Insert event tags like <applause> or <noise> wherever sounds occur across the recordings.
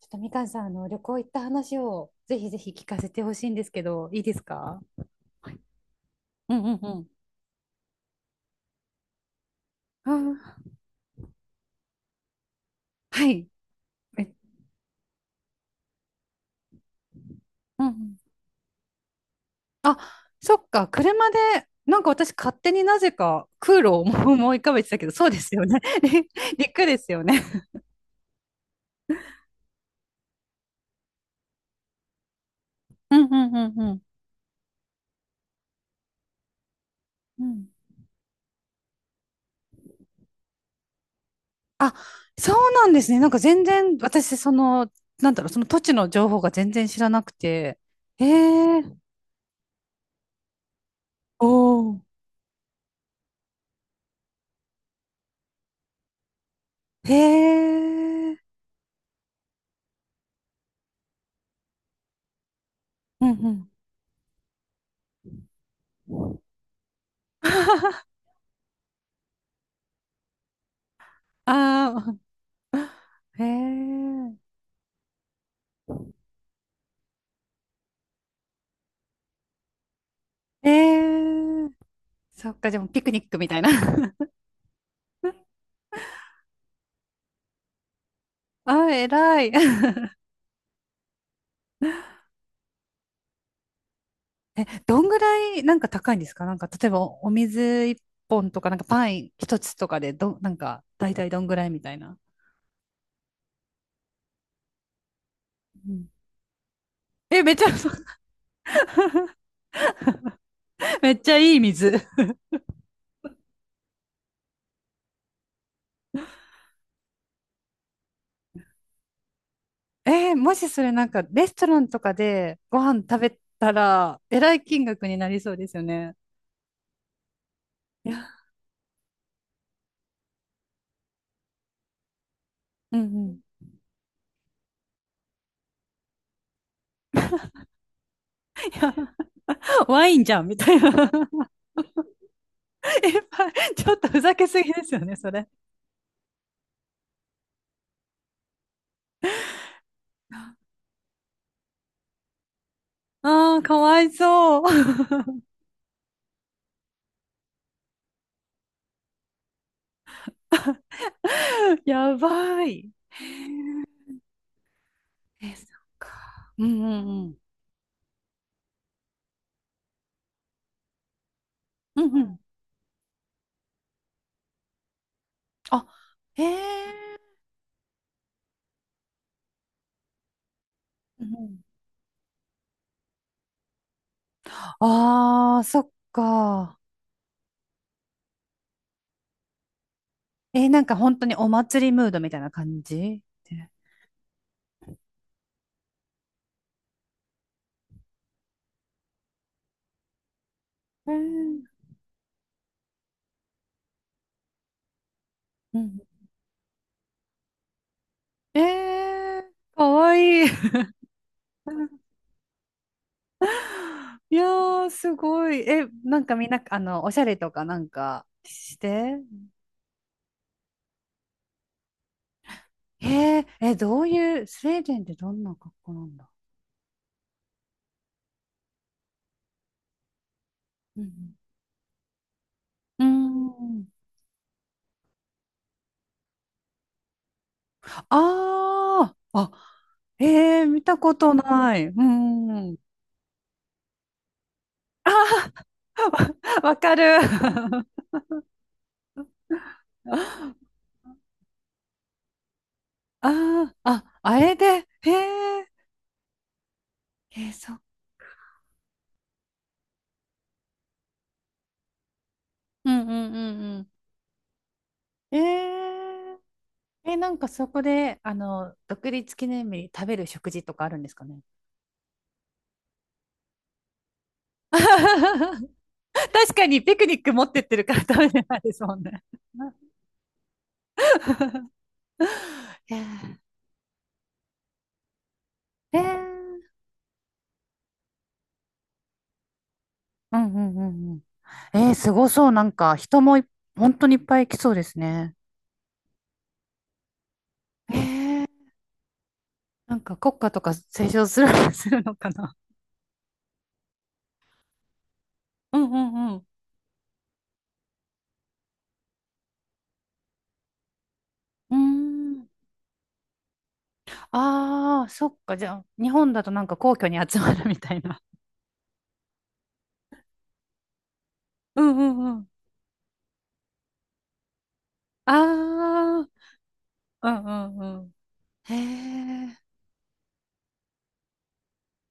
ちょっとみかんさん、旅行行った話をぜひぜひ聞かせてほしいんですけど、いいですか？うんうんうん。あ、はい。え、うんうん。そっか、車で、なんか私勝手になぜか空路を思い浮かべてたけど、そうですよね。<laughs> 陸ですよね。うんうんうんうん。うん。あ、そうなんですね。なんか全然私、その土地の情報が全然知らなくて。へえ、おお。へえ。うんうん。<laughs> ああ、へえ。ええ。そっか、でもピクニックみたいな。<laughs> あ、偉い。<laughs> え、どんぐらいなんか高いんですか？なんか、例えばお水一本とか、なんかパン一つとかで、ど、なんか、大体どんぐらいみたいな。うん、え、めっちゃ、<laughs> めっちゃいい水。えー、もしそれなんか、レストランとかでご飯食べたら、えらい金額になりそうですよね。いや、うんうん。いや、ワインじゃん、みたいな。<laughs> え、ちょっとふざけすぎですよね、それ。ああ、かわいそう。<laughs> やばい。え、そっか。うんうんうん。うんうん。あ、へえ。うんうん、ああ、そっか。えー、なんか本当にお祭りムードみたいな感じね。えー、うん。えー、かわいい。<laughs> いやー、すごい。え、なんかみんな、おしゃれとかなんかして、えー、え、どういう、スウェーデンってどんな格好なんだ？うん、うーん。ああ、あ、えー見たことない。うーん。<laughs> ああ、わ、わかる。<laughs> ああ、あ、あれで、へえ、えー、そう。うんうんうんうん。え、ええ、なんかそこで、独立記念日に食べる食事とかあるんですかね？<laughs> 確かにピクニック持ってってるから食べてないですもんね。<laughs> あ、えー、うんうんうん、えー、すごそう。なんか、人もい、本当にいっぱい来そうですね。えー、なんか国歌とか斉唱する、<laughs> するのかな。うんうんうん。うーん。ああ、そっか。じゃあ、日本だとなんか皇居に集まるみたいな。うんうんうん。ああ、うんうんうん。へえ。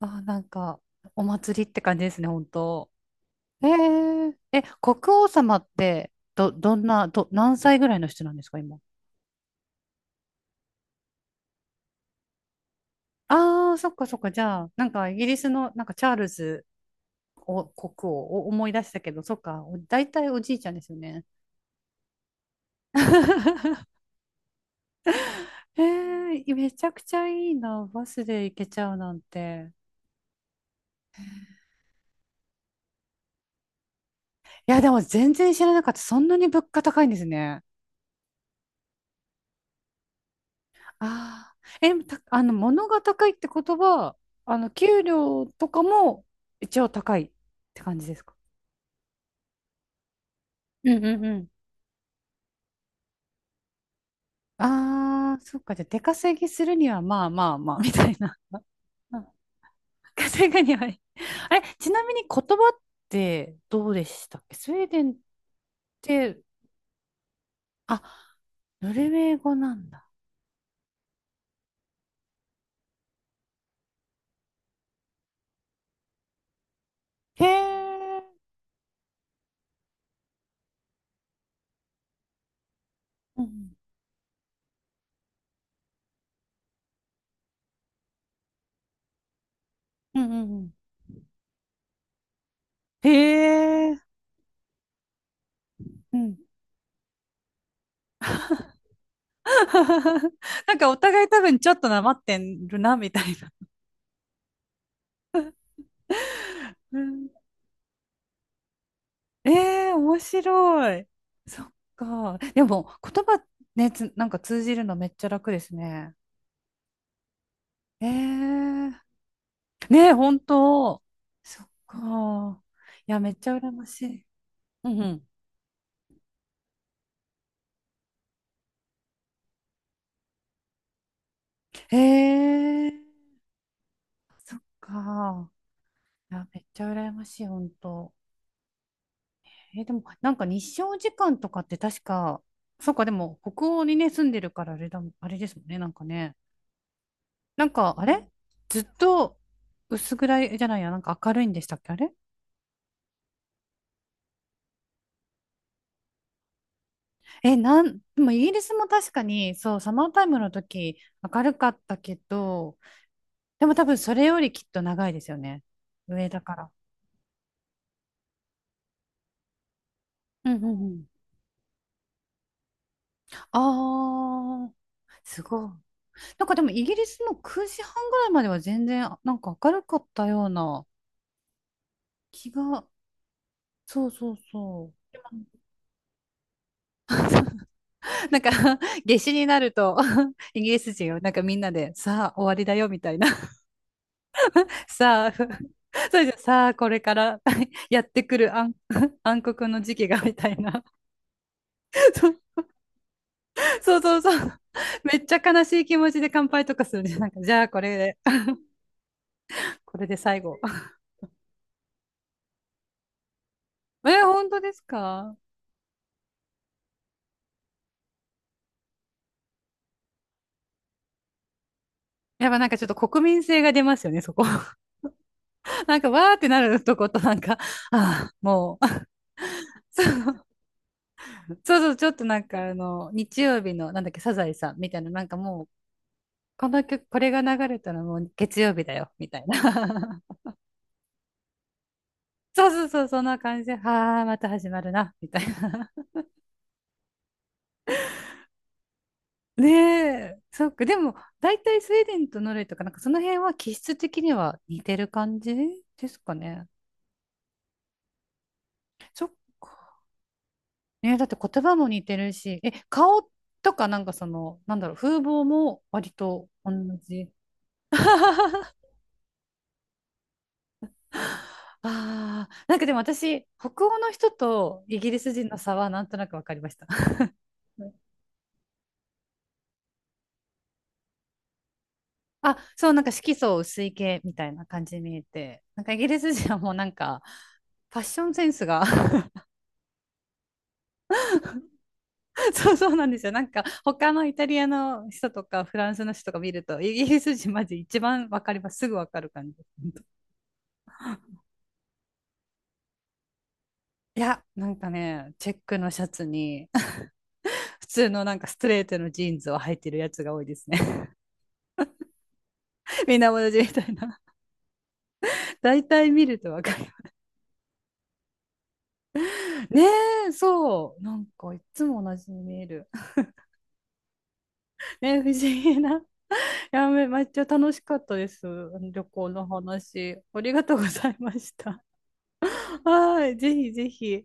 あー、なんか、お祭りって感じですね、本当。へえ。え、国王様って、ど、どんな、ど、何歳ぐらいの人なんですか、今？ああ、そっかそっか。じゃあ、なんかイギリスのなんかチャールズお国王を思い出したけど、そっか。お、大体おじいちゃんですよね。へえ、めちゃくちゃいいな。バスで行けちゃうなんて。いや、でも全然知らなかった。そんなに物価高いんですね。ああ。え、た、物が高いってことは、給料とかも一応高いって感じですか？うんうんうん。ああ、そっか。じゃあ、出稼ぎするには、まあまあまあ、みたいな。稼ぐにはい。あれ、ちなみに言葉ってどうでしたっけ、スウェーデンって。あ、ノルウェー語なんだ。へえ。うん。うんうんうん。へえ。うん。<laughs> なんかお互い多分ちょっとなまってるな、みたいな。うん。えー、面白い。そっか。でも、言葉ね、つ、なんか通じるのめっちゃ楽ですね。えー、ねえ、本当。そっか。いや、めっちゃ羨ましい。うんうん。へえ、か。いや、めっちゃ羨ましい、本当。えー、でも、日照時間とかって確か、そうか、でも、北欧にね、住んでるからあれだもん、あれですもんね、なんかね。なんか、あれずっと薄暗いじゃないや、なんか明るいんでしたっけ、あれ？え、なん、でもイギリスも確かに、そう、サマータイムの時、明るかったけど、でも多分それよりきっと長いですよね。上だから。うんうんうん。ああ、すごい。なんかでもイギリスも9時半ぐらいまでは全然なんか明るかったような気が、そうそうそう。なんか <laughs> 夏至になると <laughs> イギリス人をなんかみんなでさあ終わりだよみたいな、 <laughs> さあ、<laughs> ふ、それじゃさあこれから <laughs> やってくる暗、<laughs> 暗黒の時期がみたいな、 <laughs> そうそうそうそう。めっちゃ悲しい気持ちで乾杯とかするね。<laughs> なんかじゃあこれで、<laughs> これで最後。<laughs> え、本当ですか？やっぱなんかちょっと国民性が出ますよね、そこ。<laughs> なんか、わーってなるとこと、なんか、ああ、もう、<laughs> そうそうそう、ちょっとなんか、日曜日の、なんだっけ、サザエさんみたいな、なんかもう、この曲、これが流れたらもう月曜日だよ、みたいな。<laughs> そうそうそう、そんな感じで、はあ、また始まるな、みたいな。<laughs> ねえ、そっか、でも、大体スウェーデンとノルウェーとか、なんかその辺は気質的には似てる感じですかね。そっか。ね、だって言葉も似てるし、え、顔とかなんかその、なんだろう、風貌も割と同じ。<laughs> ああ、なんかでも私、北欧の人とイギリス人の差はなんとなく分かりました。<laughs> うん、あ、そう、なんか色素薄い系みたいな感じに見えて、なんかイギリス人はもうなんか、ファッションセンスが、 <laughs> そうそうなんですよ。なんか、他のイタリアの人とかフランスの人とか見ると、イギリス人マジ一番分かります。すぐ分かる感じ。いや、なんかね、チェックのシャツに、<laughs> 普通のなんかストレートのジーンズを履いてるやつが多いですね。<laughs> みんな同じみたいな。<laughs> 大体見るとわかる。<laughs> ねえ、そう。なんかいつも同じに見える。<laughs> ねえ、不思議な。いやめ、めっちゃ楽しかったです。旅行の話。ありがとうございました。<laughs> はい、ぜひぜひ。